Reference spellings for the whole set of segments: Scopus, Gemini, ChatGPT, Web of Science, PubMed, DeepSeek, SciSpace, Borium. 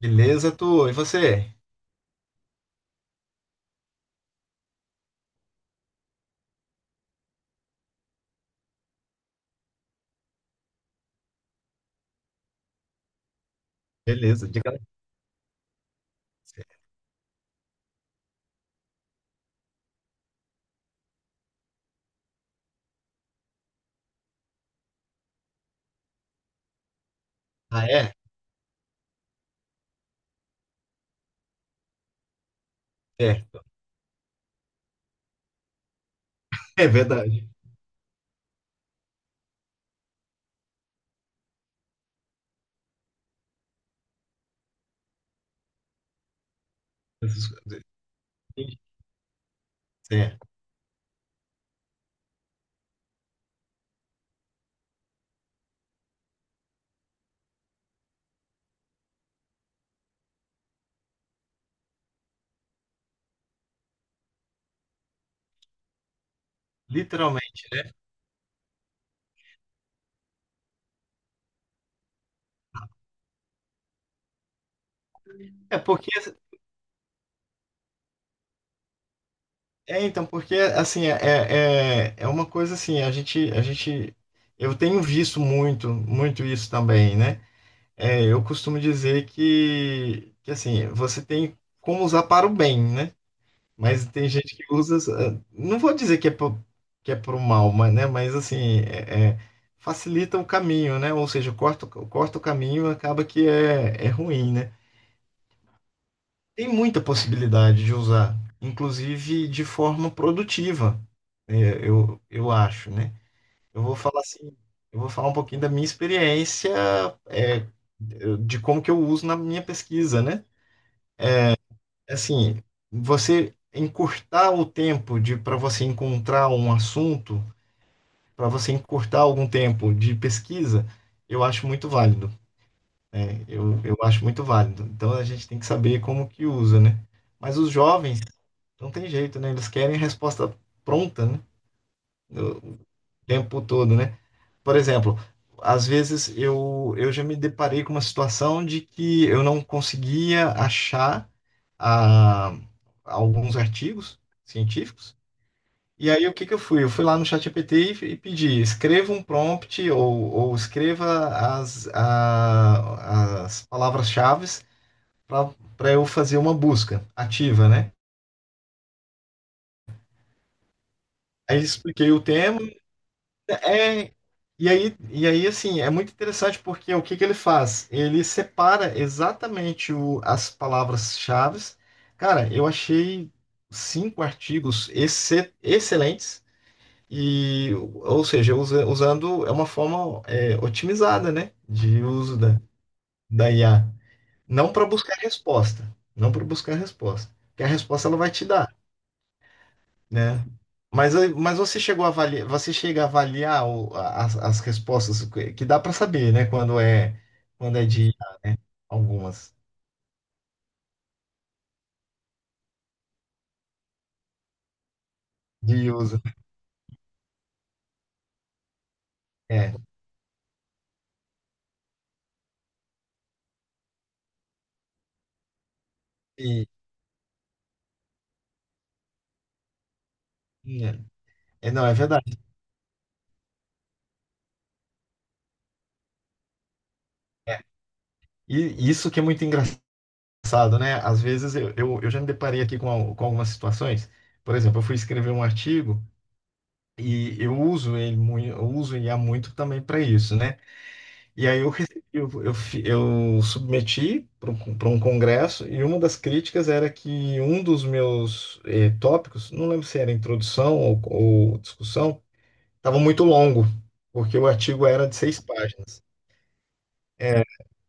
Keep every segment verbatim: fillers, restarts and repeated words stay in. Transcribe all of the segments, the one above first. Beleza, tu? E você? Beleza, diga lá. Ah, é? É, é verdade. Essas coisas. É, literalmente, né? É porque, é então, porque assim, é, é, é é uma coisa assim, a gente, a gente, eu tenho visto muito, muito isso também, né? É, eu costumo dizer que, que assim, você tem como usar para o bem, né? Mas tem gente que usa. eh, Não vou dizer que é pro, que é pro mal, mas, né? Mas assim, é- é, facilita o caminho, né? Ou seja, corta, o- corta o caminho, acaba que é, é ruim, né? Tem muita possibilidade de usar, inclusive de forma produtiva, eh, eu, eu acho, né? Eu vou falar assim, eu vou falar um pouquinho da minha experiência, eh, de como que eu uso na minha pesquisa, né? Assim, você encurtar o tempo de para você encontrar um assunto, para você encurtar algum tempo de pesquisa, eu acho muito válido, né? Eu, eu acho muito válido. Então a gente tem que saber como que usa, né? Mas os jovens não tem jeito, né? Eles querem resposta pronta, né? O tempo todo, né? Por exemplo, às vezes eu, eu já me deparei com uma situação de que eu não conseguia achar a alguns artigos científicos. E aí, o que que eu fui? Eu fui lá no ChatGPT e, e pedi, escreva um prompt ou, ou escreva as, a- as palavras-chave para eu fazer uma busca ativa, né? Aí expliquei o tema. É, e aí, e aí, assim, é muito interessante porque o que que ele faz? Ele separa exatamente o, as palavras-chave. Cara, eu achei cinco artigos exce- excelentes E, ou seja, usa- usando é uma forma é, otimizada, né, de uso da, da I A, não para buscar resposta, não para buscar resposta, porque a resposta ela vai te dar, né? Mas, aí- mas você chegou a avaliar, você chega a avaliar o- a- as, as respostas que que dá para saber, né, quando é quando é de algumas de uso, é, e, é, não é verdade. É. E isso que é muito engraçado engraçado, né? Às vezes eu, eu, eu já me deparei aqui com, al- com algumas situações. Por exemplo, eu fui escrever um artigo e eu uso ele muito, eu uso o I A muito também para isso, né? E aí eu, recebi- eu, eu, fi- eu submeti para um, para um congresso e uma das críticas era que um dos meus eh, tópicos, não lembro se era introdução ou, ou discussão, estava muito longo, porque o artigo era de seis páginas.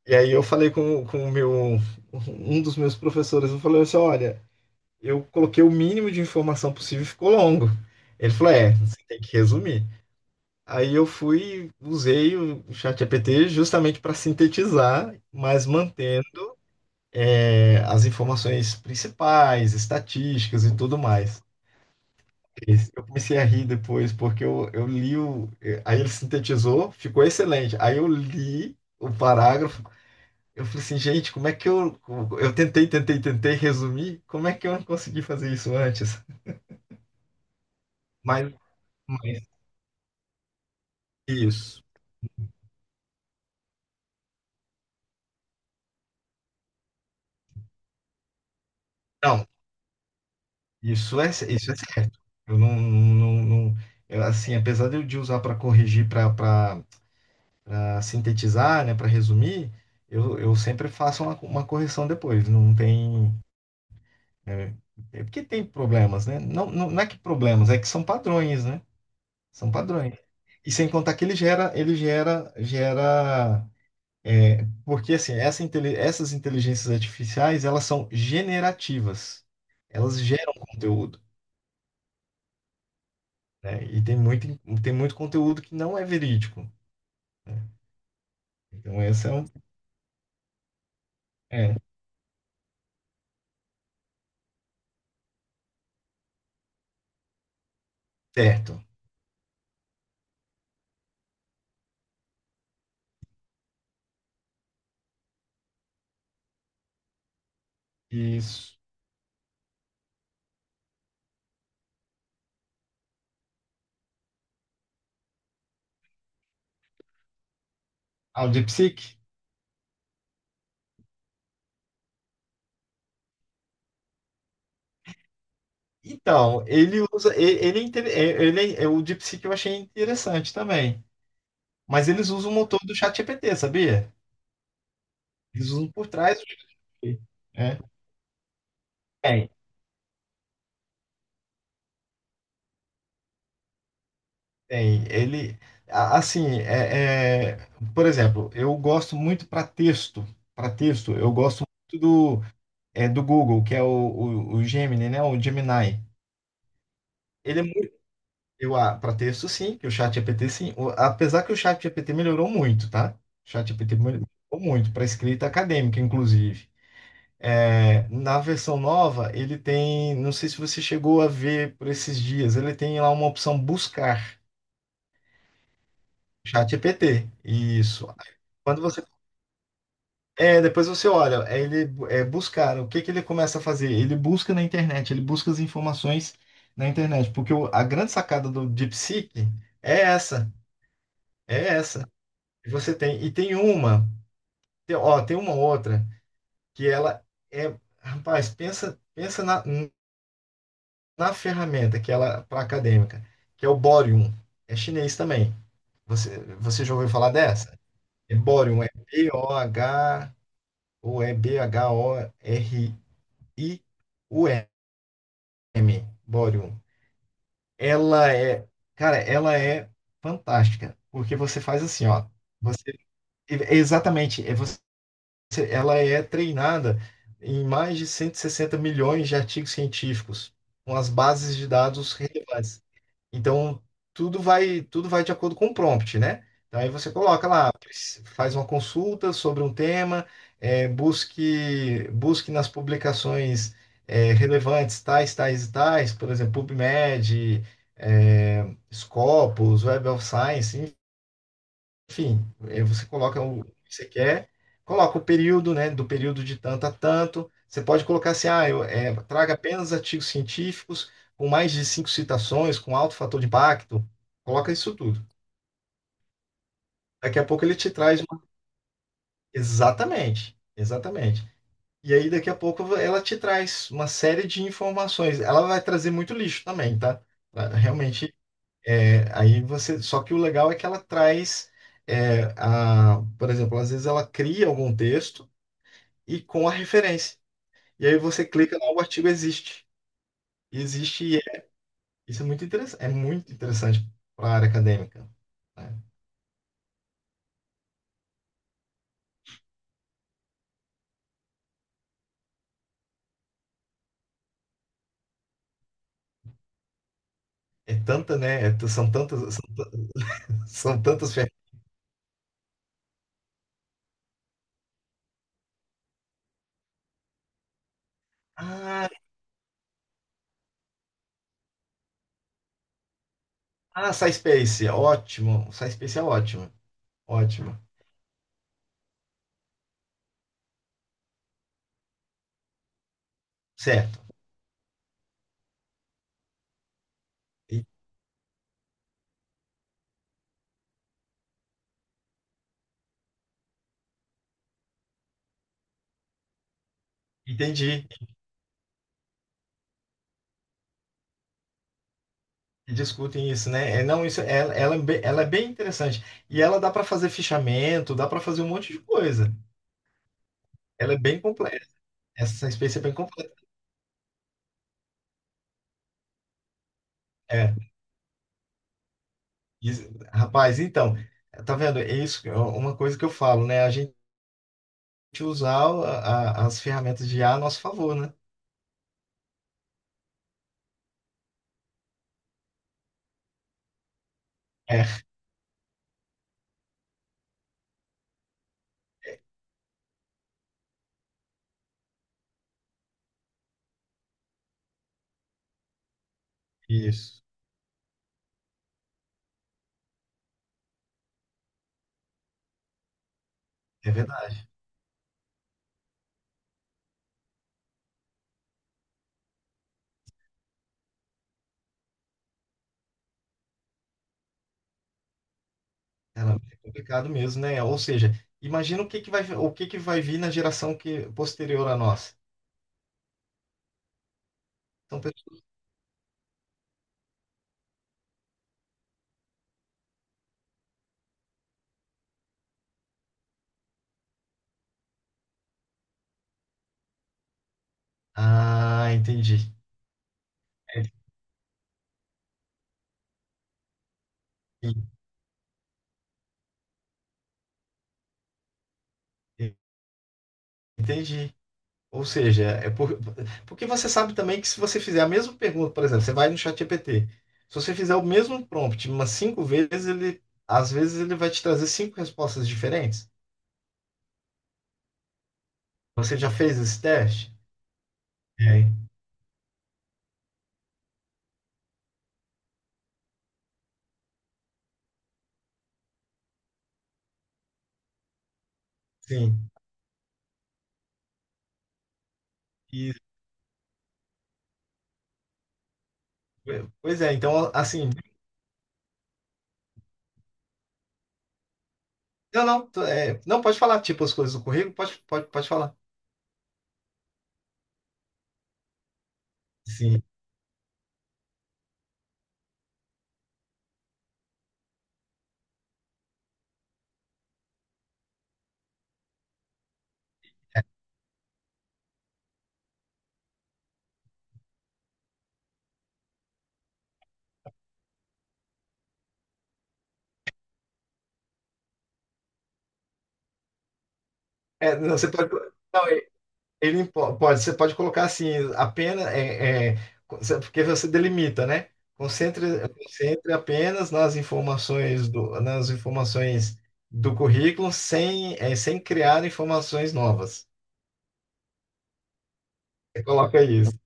E aí eu falei com, com o meu um dos meus professores, eu falei assim, olha, eu coloquei o mínimo de informação possível e ficou longo. Ele falou, é, você tem que resumir. Aí eu fui, usei o ChatGPT justamente para sintetizar, mas mantendo é, as informações principais, estatísticas e tudo mais. Eu comecei a rir depois, porque eu, eu li o. Aí ele sintetizou, ficou excelente. Aí eu li o parágrafo, eu falei assim, gente, como é que eu. Eu tentei, tentei, tentei resumir, como é que eu não consegui fazer isso antes? Mas, mas Isso. Não, isso é, isso é certo. Eu não, não, não- eu, assim, apesar de eu de usar para corrigir, para sintetizar, né, para resumir, eu, eu sempre faço uma, uma correção depois. Não tem, é, é porque tem problemas, né? Não, não, não é que problemas, é que são padrões, né? São padrões. E sem contar que ele gera, ele gera, gera, é, porque assim, essa, intele- essas inteligências artificiais, elas são generativas. Elas geram conteúdo, né? E tem muito, tem muito conteúdo que não é verídico, né? Então, esse é um. É, certo. Isso. Ah, o DeepSeek? Então, ele usa. ele Ele, é inter- é- ele, é- é, o DeepSeek eu achei interessante também. Mas eles usam o motor do ChatGPT, sabia? Eles usam por trás do ChatGPT, né? Tem, tem. Ele. a- Assim, é, é, por exemplo, eu gosto muito para texto. Para texto, eu gosto muito do, é, do Google, que é o, o, o Gemini, né? O Gemini. Ele é Eu, para texto, sim, que o chat G P T, sim. O- apesar que o chat G P T melhorou muito, tá? O chat G P T melhorou muito para escrita acadêmica, inclusive. É, na versão nova, ele tem, não sei se você chegou a ver por esses dias, ele tem lá uma opção buscar chat G P T. Isso. Quando você é, depois você olha, é ele é buscar, o que que ele começa a fazer? Ele busca na internet, ele busca as informações na internet, porque o- a grande sacada do DeepSeek é essa, é essa. E você tem, e tem uma, tem, ó, tem uma outra que ela é, rapaz, pensa, pensa na, na ferramenta que ela para acadêmica, que é o Borium. É chinês também. Você, você já ouviu falar dessa? É Borium, é B O H ou é B H O R I U M, Borium. Ela é, cara, ela é fantástica, porque você faz assim, ó, você é exatamente, é você ela é treinada em mais de 160 milhões de artigos científicos, com as bases de dados relevantes. Então, tudo vai, tudo vai de acordo com o prompt, né? Então, aí você coloca lá, faz uma consulta sobre um tema, é busque, busque nas publicações, eh, relevantes tais, tais e tais, por exemplo, PubMed, é Scopus, Web of Science, enfim, eh, você coloca o que você quer, coloca o período, né, do período de tanto a tanto. Você pode colocar assim, ah, eu, eh, traga apenas artigos científicos com mais de cinco citações, com alto fator de impacto. Coloca isso tudo. Daqui a pouco ele te traz uma... Exatamente, exatamente. E aí daqui a pouco ela te traz uma série de informações. Ela vai trazer muito lixo também, tá? Realmente, é aí você... Só que o legal é que ela traz... É, a, por exemplo, às vezes ela cria algum texto e com a referência. E aí você clica lá, o artigo existe. E existe, e é- isso é muito interessante, é muito interessante para a área acadêmica, né? É tanta, né? É t- são tantas, são, são tantas ferramentas. Ah, ah, SciSpace, ótimo. SciSpace é ótimo, ótimo. Certo. E- Entendi. E discutem isso, né? É, não, isso, ela, ela, é bem, ela é bem interessante. E ela dá para fazer fichamento, dá para fazer um monte de coisa. Ela é bem completa. Essa SciSpace é bem completa. é Isso- Rapaz, então, tá vendo? É isso, é uma coisa que eu falo, né? A gente usar o- a- as ferramentas de IA a a nosso favor, né? É, isso. É verdade. Ela é complicado mesmo, né? Ou seja, imagina o que que vai, o que que vai vir na geração que posterior à nossa. Então, pe- ah, entendi. É, en- Entendi. Ou seja, é por- porque você sabe também que se você fizer a mesma pergunta, por exemplo, você vai no ChatGPT, se você fizer o mesmo prompt umas cinco vezes, ele às vezes ele vai te trazer cinco respostas diferentes. Você já fez esse teste? É. Sim. E, pois é, então assim, não, não, tô- é, não pode falar tipo as coisas do currículo, pode, pode, pode falar. Sim. É, não, você pode. Não, Ele impo- pode, você pode colocar assim, apenas, é, é, porque você delimita, né? Concentre, concentre apenas nas informações do, nas informações do currículo sem, é, sem criar informações novas. Você coloca isso.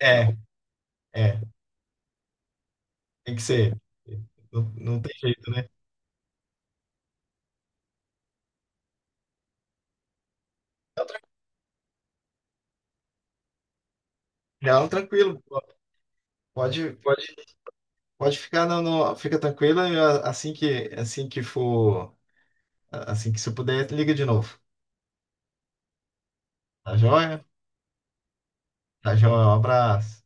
É, é, Tem que ser. Não, não tem jeito, né? Não, tranquilo. Pode, pode, pode ficar no, no- fica tranquila. e a- Assim que, assim que for, assim que você puder, liga de novo. Tá joia? Tá joia. Um abraço.